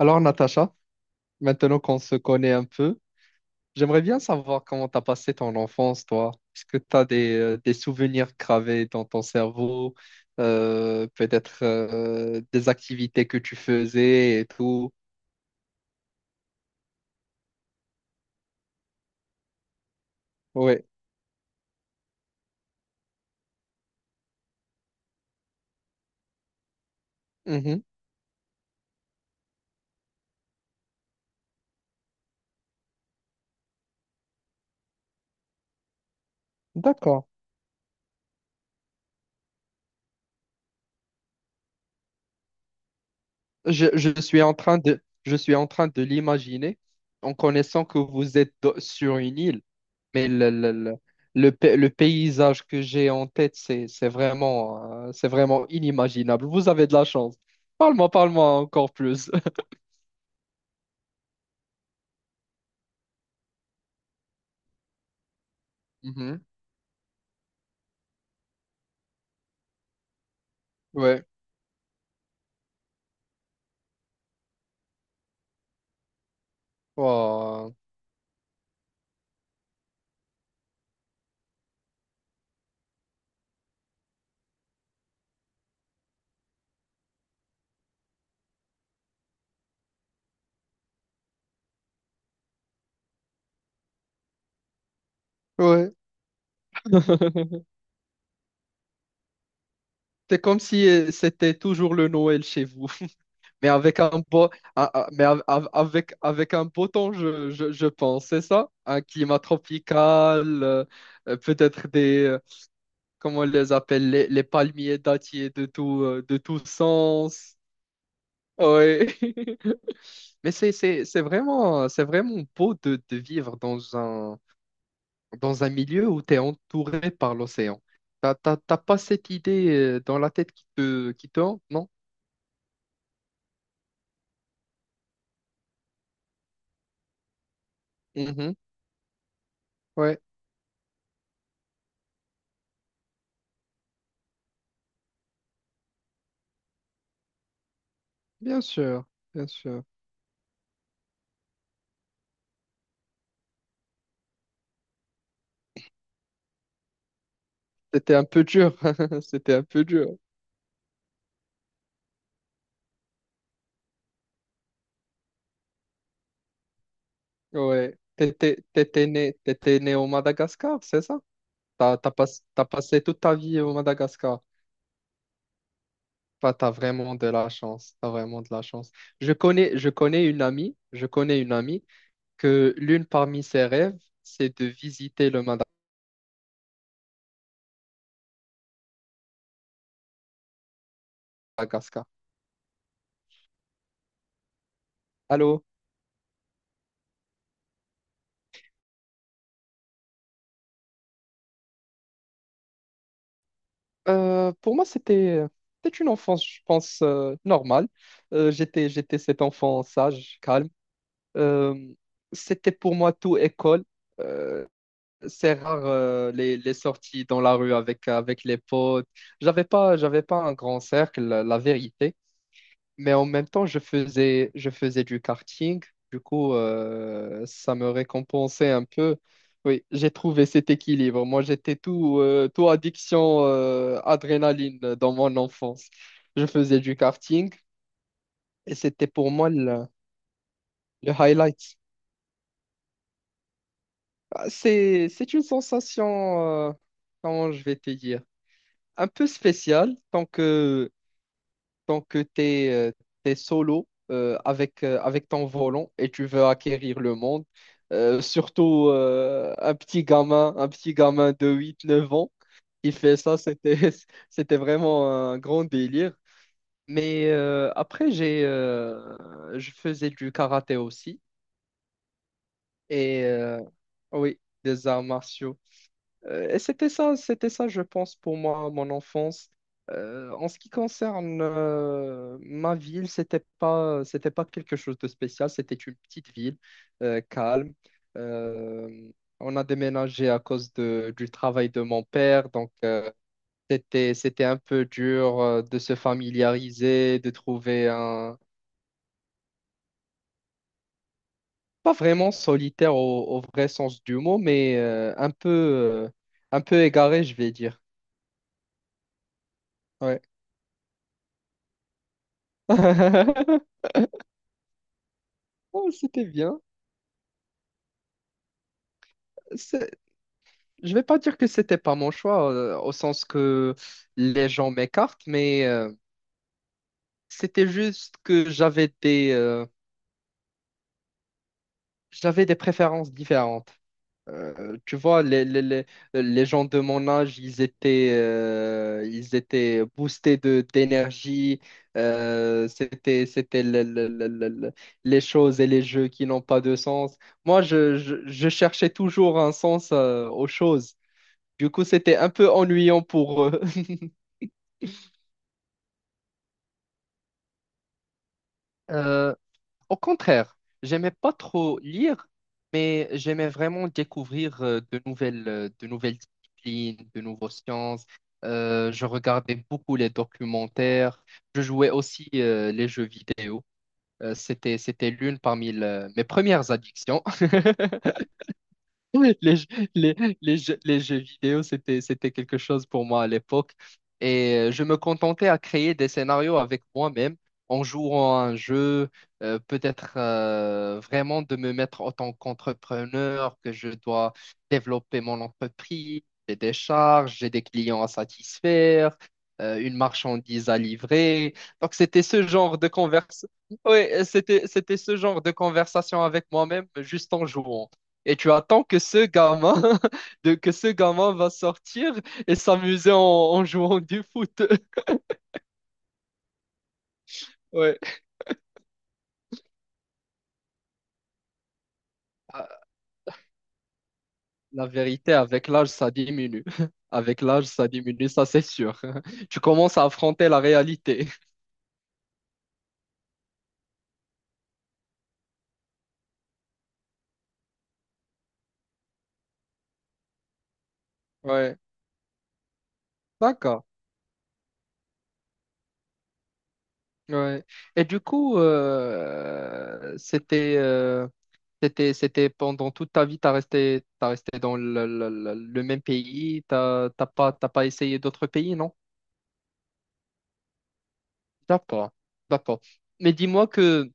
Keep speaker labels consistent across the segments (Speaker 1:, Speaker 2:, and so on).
Speaker 1: Alors, Natacha, maintenant qu'on se connaît un peu, j'aimerais bien savoir comment t'as passé ton enfance, toi. Est-ce que t'as des souvenirs gravés dans ton cerveau, peut-être des activités que tu faisais et tout? Oui. D'accord. Je suis en train je suis en train de l'imaginer en connaissant que vous êtes sur une île. Mais le paysage que j'ai en tête, c'est vraiment inimaginable. Vous avez de la chance. Parle-moi, parle-moi encore plus. Mhm. Ouais. Oh. Ouais. C'est comme si c'était toujours le Noël chez vous. Mais avec un beau, ah, ah, mais avec, avec un beau temps, je pense, c'est ça? Un climat tropical, peut-être des, comment on les appelle, les palmiers dattiers de tout sens. Ouais. Mais c'est vraiment beau de vivre dans un milieu où tu es entouré par l'océan. T'as pas cette idée dans la tête qui te hante, non? Mhm. Ouais, bien sûr, bien sûr. C'était un peu dur, c'était un peu dur. Ouais. T'étais né au Madagascar, c'est ça? T'as, t'as pas- T'as passé toute ta vie au Madagascar. Bah t'as vraiment de la chance, t'as vraiment de la chance. Je connais une amie que l'une parmi ses rêves, c'est de visiter le Madagascar. Allô? Pour moi, c'était une enfance, je pense, normale. J'étais cet enfant sage, calme. Euh, C'était pour moi tout école. Euh, c'est rare les sorties dans la rue avec, avec les potes. J'avais pas un grand cercle, la vérité. Mais en même temps, je faisais du karting. Du coup, ça me récompensait un peu. Oui, j'ai trouvé cet équilibre. Moi, j'étais tout, tout addiction, adrénaline dans mon enfance. Je faisais du karting et c'était pour moi le highlight. Ah, c'est une sensation, comment je vais te dire, un peu spéciale tant que tu es solo avec, avec ton volant et tu veux acquérir le monde. Surtout un petit gamin de huit, neuf ans qui fait ça, c'était vraiment un grand délire. Mais après, je faisais du karaté aussi. Et oui, des arts martiaux. Et c'était ça, je pense, pour moi, mon enfance. En ce qui concerne ma ville, c'était pas quelque chose de spécial. C'était une petite ville calme. Euh, on a déménagé à cause du travail de mon père, donc c'était, c'était un peu dur de se familiariser, de trouver un, pas vraiment solitaire au vrai sens du mot, mais un peu égaré, je vais dire. Ouais. Oh, c'était bien. C'est- Je vais pas dire que c'était pas mon choix, au sens que les gens m'écartent, mais c'était juste que j'avais des préférences différentes. Tu vois, les gens de mon âge, ils étaient boostés de, d'énergie. C'était les choses et les jeux qui n'ont pas de sens. Moi, je cherchais toujours un sens, aux choses. Du coup, c'était un peu ennuyant pour eux. Euh, au contraire, j'aimais pas trop lire, mais j'aimais vraiment découvrir de nouvelles disciplines, de nouvelles sciences. Je regardais beaucoup les documentaires. Je jouais aussi les jeux vidéo. C'était l'une parmi mes premières addictions. Les, jeux- les, les jeux vidéo, c'était quelque chose pour moi à l'époque. Et je me contentais à créer des scénarios avec moi-même en jouant à un jeu, peut-être vraiment de me mettre en tant qu'entrepreneur, que je dois développer mon entreprise, j'ai des charges, j'ai des clients à satisfaire, une marchandise à livrer. Donc c'était ce genre de conversation. Oui, c'était, c'était ce genre de conversation avec moi-même juste en jouant. Et tu attends que ce gamin, de, que ce gamin va sortir et s'amuser en, en jouant du foot. Ouais. Ah, la vérité, avec l'âge, ça diminue. Avec l'âge, ça diminue, ça c'est sûr. Tu commences à affronter la réalité. Ouais. D'accord. Ouais. Et du coup, c'était pendant toute ta vie, t'as resté dans le même pays, t'as pas essayé d'autres pays, non? D'accord, d'accord. Mais dis-moi que,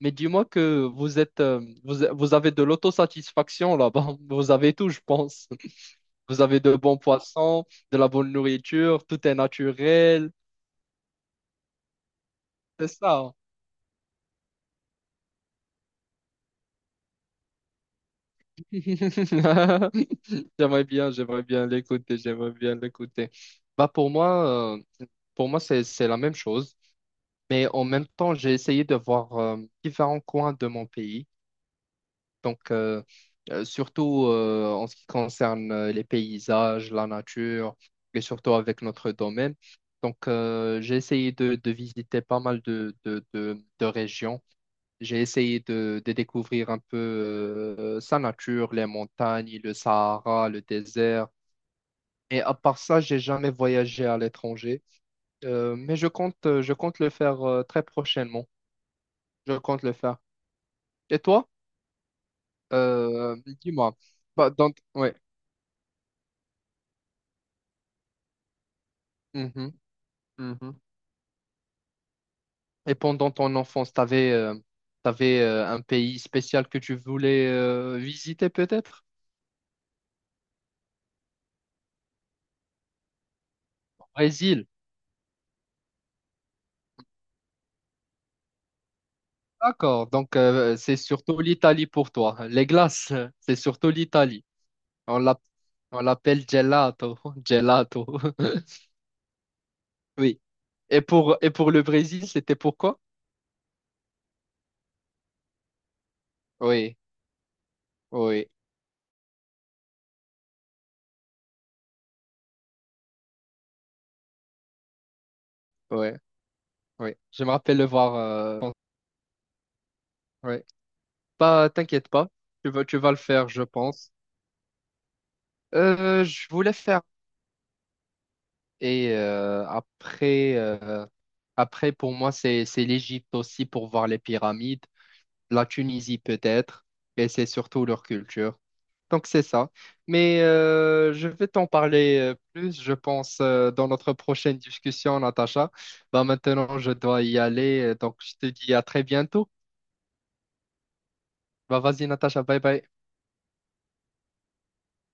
Speaker 1: mais dis-moi que vous êtes, vous avez de l'autosatisfaction là-bas. Vous avez tout, je pense. Vous avez de bons poissons, de la bonne nourriture, tout est naturel. C'est ça. J'aimerais bien l'écouter, j'aimerais bien l'écouter. Bah pour moi c'est la même chose, mais en même temps j'ai essayé de voir différents coins de mon pays. Donc, surtout en ce qui concerne les paysages, la nature, et surtout avec notre domaine. Donc, j'ai essayé de visiter pas mal de régions. J'ai essayé de découvrir un peu sa nature, les montagnes, le Sahara, le désert. Et à part ça, j'ai jamais voyagé à l'étranger. Mais je compte le faire très prochainement. Je compte le faire. Et toi? Euh, dis-moi. Bah, dans... Ouais. Mhm. Et pendant ton enfance, t'avais un pays spécial que tu voulais visiter peut-être? Brésil. D'accord. Donc c'est surtout l'Italie pour toi. Les glaces, c'est surtout l'Italie. On l'app- on l'appelle gelato, gelato. Oui. Et pour le Brésil, c'était pourquoi? Oui, oui, oui, oui. Je me rappelle le voir. Euh, oui. Pas, t'inquiète pas. Tu vas le faire, je pense. Je voulais faire. Et après, pour moi, c'est l'Égypte aussi pour voir les pyramides, la Tunisie peut-être, et c'est surtout leur culture. Donc c'est ça. Mais je vais t'en parler plus, je pense, dans notre prochaine discussion, Natacha. Bah, maintenant, je dois y aller, donc je te dis à très bientôt. Bah, vas-y, Natacha, bye bye.